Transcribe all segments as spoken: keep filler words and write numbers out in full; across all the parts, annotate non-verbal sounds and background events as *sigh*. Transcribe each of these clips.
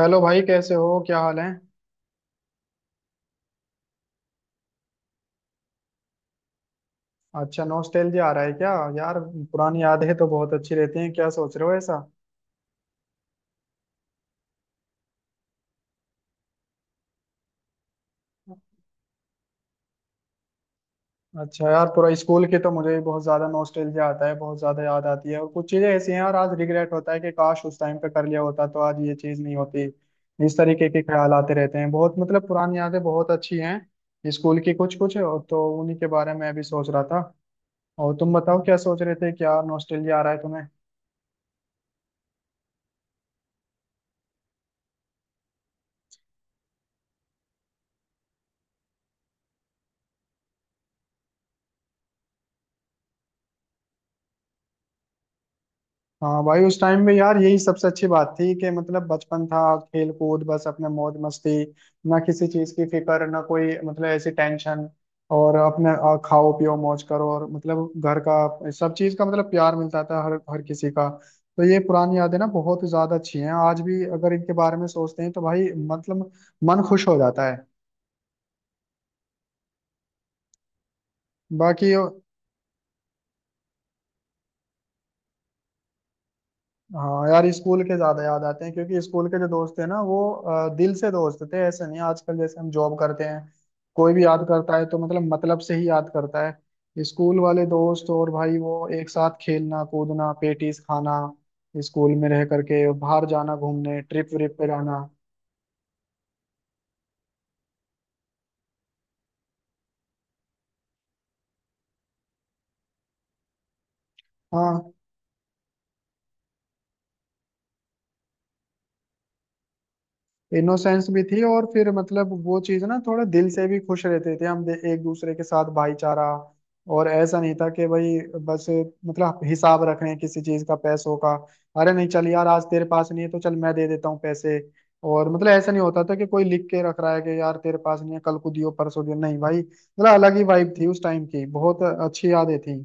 Hello भाई, कैसे हो? क्या हाल है? अच्छा, नॉस्टैल्जिया आ रहा है क्या यार? पुरानी यादें तो बहुत अच्छी रहती हैं। क्या सोच रहे हो ऐसा? अच्छा यार, पूरा स्कूल की तो मुझे भी बहुत ज्यादा नॉस्टैल्जिया आता है, बहुत ज्यादा याद आती है। और कुछ चीजें ऐसी हैं यार, आज रिग्रेट होता है कि काश उस टाइम पे कर लिया होता तो आज ये चीज नहीं होती। इस तरीके के ख्याल आते रहते हैं बहुत। मतलब पुरानी यादें बहुत अच्छी हैं स्कूल की कुछ कुछ, और तो उन्हीं के बारे में भी सोच रहा था। और तुम बताओ, क्या सोच रहे थे, क्या नॉस्टैल्जिया आ रहा है तुम्हें? हाँ भाई, उस टाइम में यार यही सबसे अच्छी बात थी कि मतलब बचपन था, खेल कूद, बस अपने मौज मस्ती। ना किसी चीज की फिक्र, ना कोई मतलब ऐसी टेंशन। और अपने आ, खाओ पियो मौज करो, और मतलब घर का सब चीज का मतलब प्यार मिलता था हर हर किसी का। तो ये पुरानी यादें ना बहुत ज्यादा अच्छी हैं। आज भी अगर इनके बारे में सोचते हैं तो भाई मतलब मन खुश हो जाता है। बाकी हाँ यार, स्कूल के ज्यादा याद आते हैं क्योंकि स्कूल के जो दोस्त थे ना, वो अ, दिल से दोस्त थे। ऐसे नहीं आजकल जैसे हम जॉब करते हैं, कोई भी याद करता है तो मतलब मतलब से ही याद करता है। स्कूल वाले दोस्त और भाई वो एक साथ खेलना कूदना, पेटीज खाना, स्कूल में रह करके बाहर जाना, घूमने ट्रिप व्रिप पे जाना। हाँ, इनोसेंस भी थी, और फिर मतलब वो चीज ना थोड़ा दिल से भी खुश रहते थे हम। दे- एक दूसरे के साथ भाईचारा, और ऐसा नहीं था कि भाई बस मतलब हिसाब रख रहे हैं किसी चीज का, पैसों का। अरे नहीं चल यार, आज तेरे पास नहीं है तो चल मैं दे देता हूँ पैसे। और मतलब ऐसा नहीं होता था कि कोई लिख के रख रहा है कि यार तेरे पास नहीं है, कल को दियो, परसों दियो। नहीं भाई मतलब अलग ही वाइब थी उस टाइम की, बहुत अच्छी यादें थी।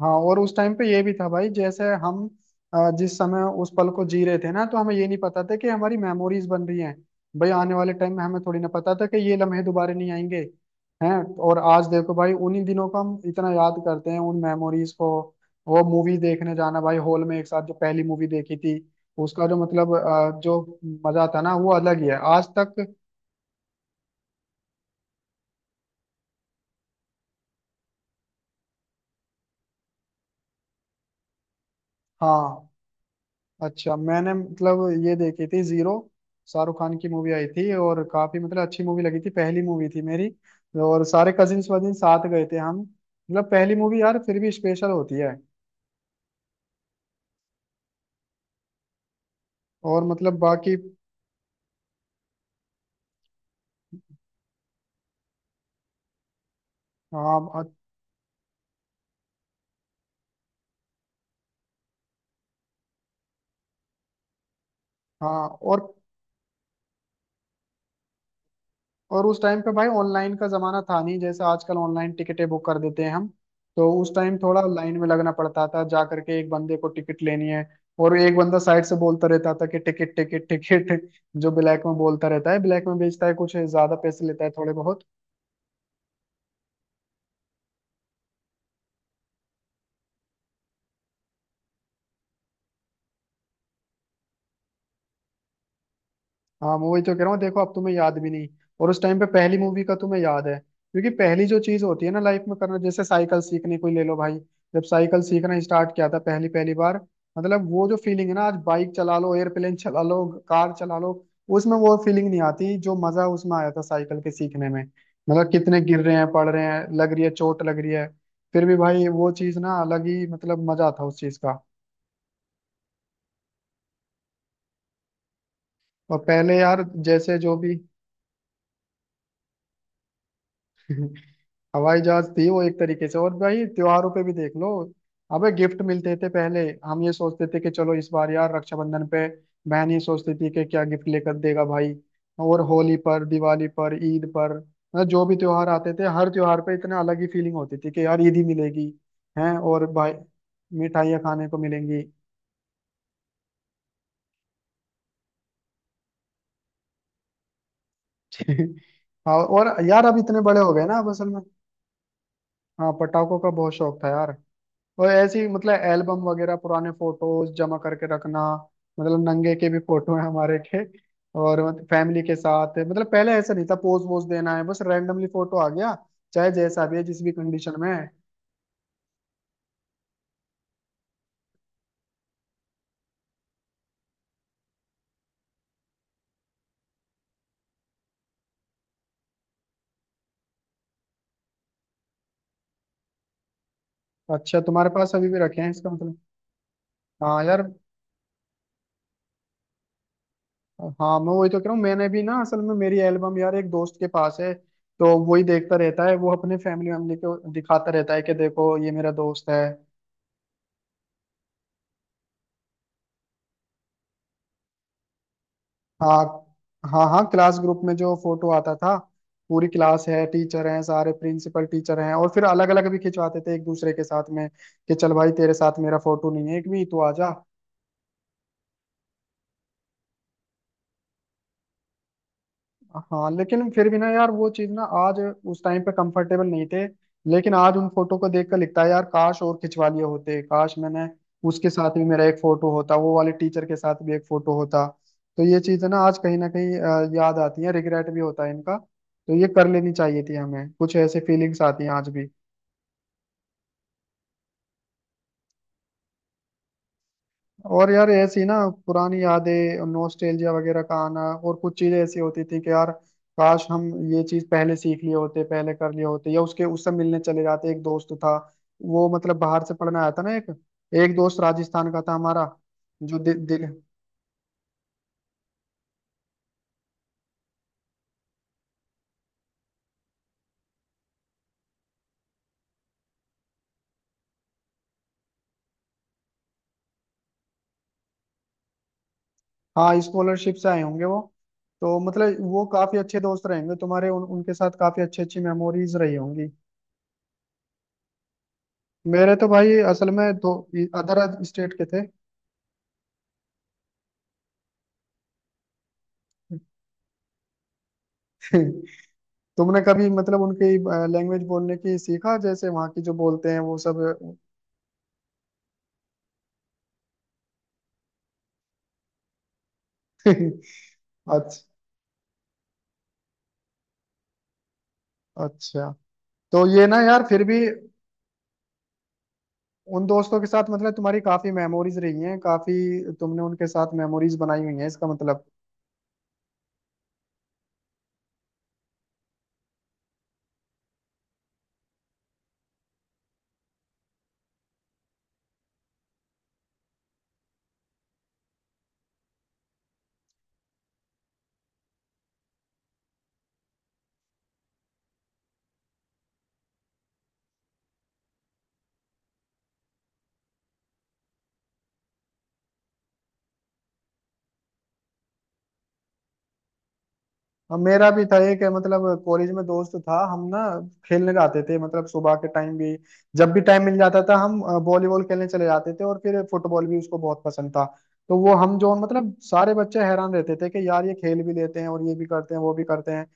हाँ, और उस टाइम पे ये भी था भाई, जैसे हम अ, जिस समय उस पल को जी रहे थे ना, तो हमें ये नहीं पता था कि हमारी मेमोरीज बन रही हैं। भाई आने वाले टाइम में हमें थोड़ी ना पता था कि ये लम्हे दोबारा नहीं आएंगे। हैं। और आज देखो भाई, उन्हीं दिनों को हम इतना याद करते हैं, उन मेमोरीज को। वो मूवी देखने जाना भाई, हॉल में एक साथ जो पहली मूवी देखी थी, उसका जो मतलब अ, जो मजा था ना, वो अलग ही है आज तक। हाँ। अच्छा, मैंने मतलब ये देखी थी, जीरो। शाहरुख खान की मूवी आई थी, और काफी मतलब अच्छी मूवी लगी थी, पहली मूवी थी मेरी। और सारे कजिन्स वजिन साथ गए थे हम, मतलब पहली मूवी यार फिर भी स्पेशल होती है। और मतलब बाकी हाँ अ- हाँ। और और उस टाइम पे भाई ऑनलाइन का जमाना था नहीं, जैसे आजकल ऑनलाइन टिकटें बुक कर देते हैं हम। तो उस टाइम थोड़ा लाइन में लगना पड़ता था, जा करके एक बंदे को टिकट लेनी है। और एक बंदा साइड से बोलता रहता था कि टिकट टिकट टिकट, जो ब्लैक में बोलता रहता है, ब्लैक में बेचता है, कुछ ज्यादा पैसे लेता है, थोड़े बहुत। हाँ, मैं वही तो कह रहा हूँ, देखो अब तुम्हें याद भी नहीं। और उस टाइम पे पहली मूवी का तुम्हें याद है, क्योंकि पहली जो चीज होती है ना लाइफ में करना, जैसे साइकिल सीखनी कोई ले लो भाई। जब साइकिल सीखना स्टार्ट किया था पहली पहली बार, मतलब वो जो फीलिंग है ना, आज बाइक चला लो, एयरप्लेन चला लो, कार चला लो, उसमें वो फीलिंग नहीं आती जो मजा उसमें आया था साइकिल के सीखने में। मतलब कितने गिर रहे हैं पड़ रहे हैं, लग रही है चोट लग रही है, फिर भी भाई वो चीज ना अलग ही मतलब मजा था उस चीज का। और पहले यार जैसे जो भी *laughs* हवाई जहाज थी वो एक तरीके से। और भाई त्योहारों पे भी देख लो, अबे गिफ्ट मिलते थे। पहले हम ये सोचते थे कि चलो इस बार यार रक्षाबंधन पे बहन ये सोचती थी कि क्या गिफ्ट लेकर देगा भाई। और होली पर, दिवाली पर, ईद पर, मतलब जो भी त्योहार आते थे, हर त्योहार पे इतना अलग ही फीलिंग होती थी कि यार ईद ही मिलेगी। हैं। और भाई मिठाइयाँ खाने को मिलेंगी। *laughs* और और यार अब इतने बड़े हो गए ना, अब असल में हाँ पटाखों का बहुत शौक था यार। और ऐसी मतलब एल्बम वगैरह पुराने फोटोज जमा करके रखना, मतलब नंगे के भी फोटो हैं हमारे के। और फैमिली के साथ मतलब पहले ऐसा नहीं था पोज वोज देना है, बस रैंडमली फोटो आ गया, चाहे जैसा भी है, जिस भी कंडीशन में है। अच्छा, तुम्हारे पास अभी भी रखे हैं इसका मतलब? हाँ यार। हाँ मैं वही तो कह रहा हूँ, मैंने भी ना असल में मेरी एल्बम यार एक दोस्त के पास है। तो वही देखता रहता है, वो अपने फैमिली वैमिली को दिखाता रहता है कि देखो ये मेरा दोस्त है। हाँ हाँ, हाँ क्लास ग्रुप में जो फोटो आता था, पूरी क्लास है, टीचर हैं सारे, प्रिंसिपल टीचर हैं, और फिर अलग अलग भी खिंचवाते थे एक दूसरे के साथ में। कि चल भाई तेरे साथ मेरा फोटो नहीं है एक भी, तो आजा। हाँ लेकिन फिर भी ना यार वो चीज ना आज, उस टाइम पे कंफर्टेबल नहीं थे, लेकिन आज उन फोटो को देखकर लगता है यार काश और खिंचवा लिए होते। काश मैंने उसके साथ भी मेरा एक फोटो होता, वो वाले टीचर के साथ भी एक फोटो होता। तो ये चीज है ना, आज कहीं ना कहीं अ, याद आती है, रिग्रेट भी होता है इनका, तो ये कर लेनी चाहिए थी हमें, कुछ ऐसे फीलिंग्स आती हैं आज भी। और यार ऐसी ना पुरानी यादें नॉस्टैल्जिया वगैरह का आना, और कुछ चीजें ऐसी होती थी कि यार काश हम ये चीज पहले सीख लिए होते, पहले कर लिए होते, या उसके उससे मिलने चले जाते। एक दोस्त था, वो मतलब बाहर से पढ़ने आया था ना एक, एक दोस्त राजस्थान का था हमारा, जो दि, दिल। हाँ स्कॉलरशिप से आए होंगे वो, तो मतलब वो काफी अच्छे दोस्त रहेंगे तुम्हारे, उन, उनके साथ काफी अच्छी अच्छी मेमोरीज रही होंगी। मेरे तो भाई असल में दो अदर स्टेट के थे। *laughs* तुमने कभी मतलब उनकी लैंग्वेज बोलने की सीखा, जैसे वहां की जो बोलते हैं वो सब? *laughs* अच्छा, अच्छा। तो ये ना यार फिर भी उन दोस्तों के साथ मतलब तुम्हारी काफी मेमोरीज रही हैं, काफी तुमने उनके साथ मेमोरीज बनाई हुई हैं इसका मतलब। हाँ मेरा भी था एक, मतलब कॉलेज में दोस्त था हम ना, खेलने जाते थे मतलब सुबह के टाइम भी, जब भी टाइम मिल जाता था हम वॉलीबॉल खेलने चले जाते थे, और फिर फुटबॉल भी उसको बहुत पसंद था। तो वो हम जो मतलब सारे बच्चे हैरान रहते थे कि यार ये खेल भी लेते हैं, और ये भी करते हैं, वो भी करते हैं।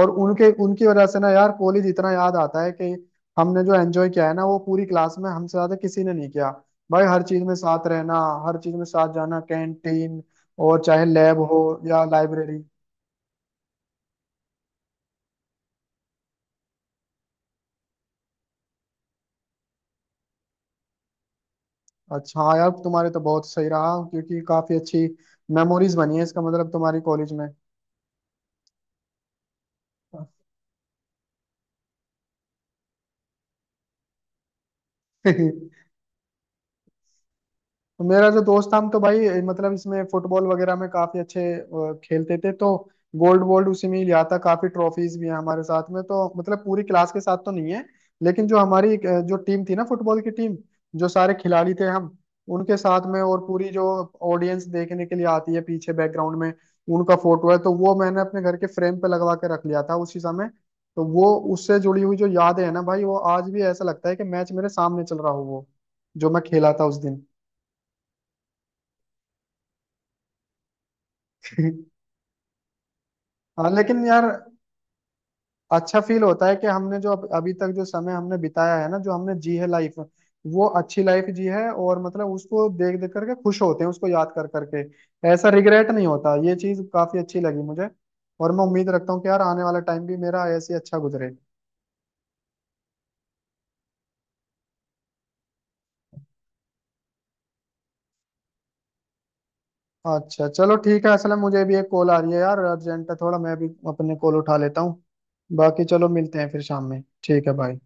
और उनके उनकी वजह से ना यार कॉलेज इतना याद आता है कि हमने जो एंजॉय किया है ना, वो पूरी क्लास में हमसे ज्यादा किसी ने नहीं किया। भाई हर चीज में साथ रहना, हर चीज में साथ जाना, कैंटीन, और चाहे लैब हो या लाइब्रेरी। अच्छा हाँ यार तुम्हारे तो बहुत सही रहा, क्योंकि काफी अच्छी मेमोरीज बनी है इसका मतलब तुम्हारी कॉलेज में। *laughs* तो मेरा जो दोस्त था हम, तो भाई मतलब इसमें फुटबॉल वगैरह में काफी अच्छे अ, खेलते थे। तो गोल्ड वोल्ड उसी में ही लिया था, काफी ट्रॉफीज भी हैं हमारे साथ में। तो मतलब पूरी क्लास के साथ तो नहीं है, लेकिन जो हमारी एक, अ, जो टीम थी ना फुटबॉल की टीम, जो सारे खिलाड़ी थे हम, उनके साथ में, और पूरी जो ऑडियंस देखने के लिए आती है पीछे बैकग्राउंड में, उनका फोटो है। तो वो मैंने अपने घर के फ्रेम पे लगवा के रख लिया था उसी समय। तो वो उससे जुड़ी हुई जो यादें हैं ना भाई, वो आज भी ऐसा लगता है कि मैच मेरे सामने चल रहा हो, वो जो मैं खेला था उस दिन। *laughs* हाँ लेकिन यार अच्छा फील होता है कि हमने जो अब- अभी तक जो समय हमने बिताया है ना, जो हमने जी है लाइफ, वो अच्छी लाइफ जी है। और मतलब उसको देख देख करके खुश होते हैं, उसको याद कर करके ऐसा रिग्रेट नहीं होता। ये चीज काफी अच्छी लगी मुझे, और मैं उम्मीद रखता हूँ कि यार आने वाला टाइम भी मेरा ऐसे ही अच्छा गुजरे। अच्छा चलो ठीक है, असल में मुझे भी एक कॉल आ रही है यार, अर्जेंट है थोड़ा, मैं भी अपने कॉल उठा लेता हूँ। बाकी चलो मिलते हैं फिर शाम में, ठीक है, बाय।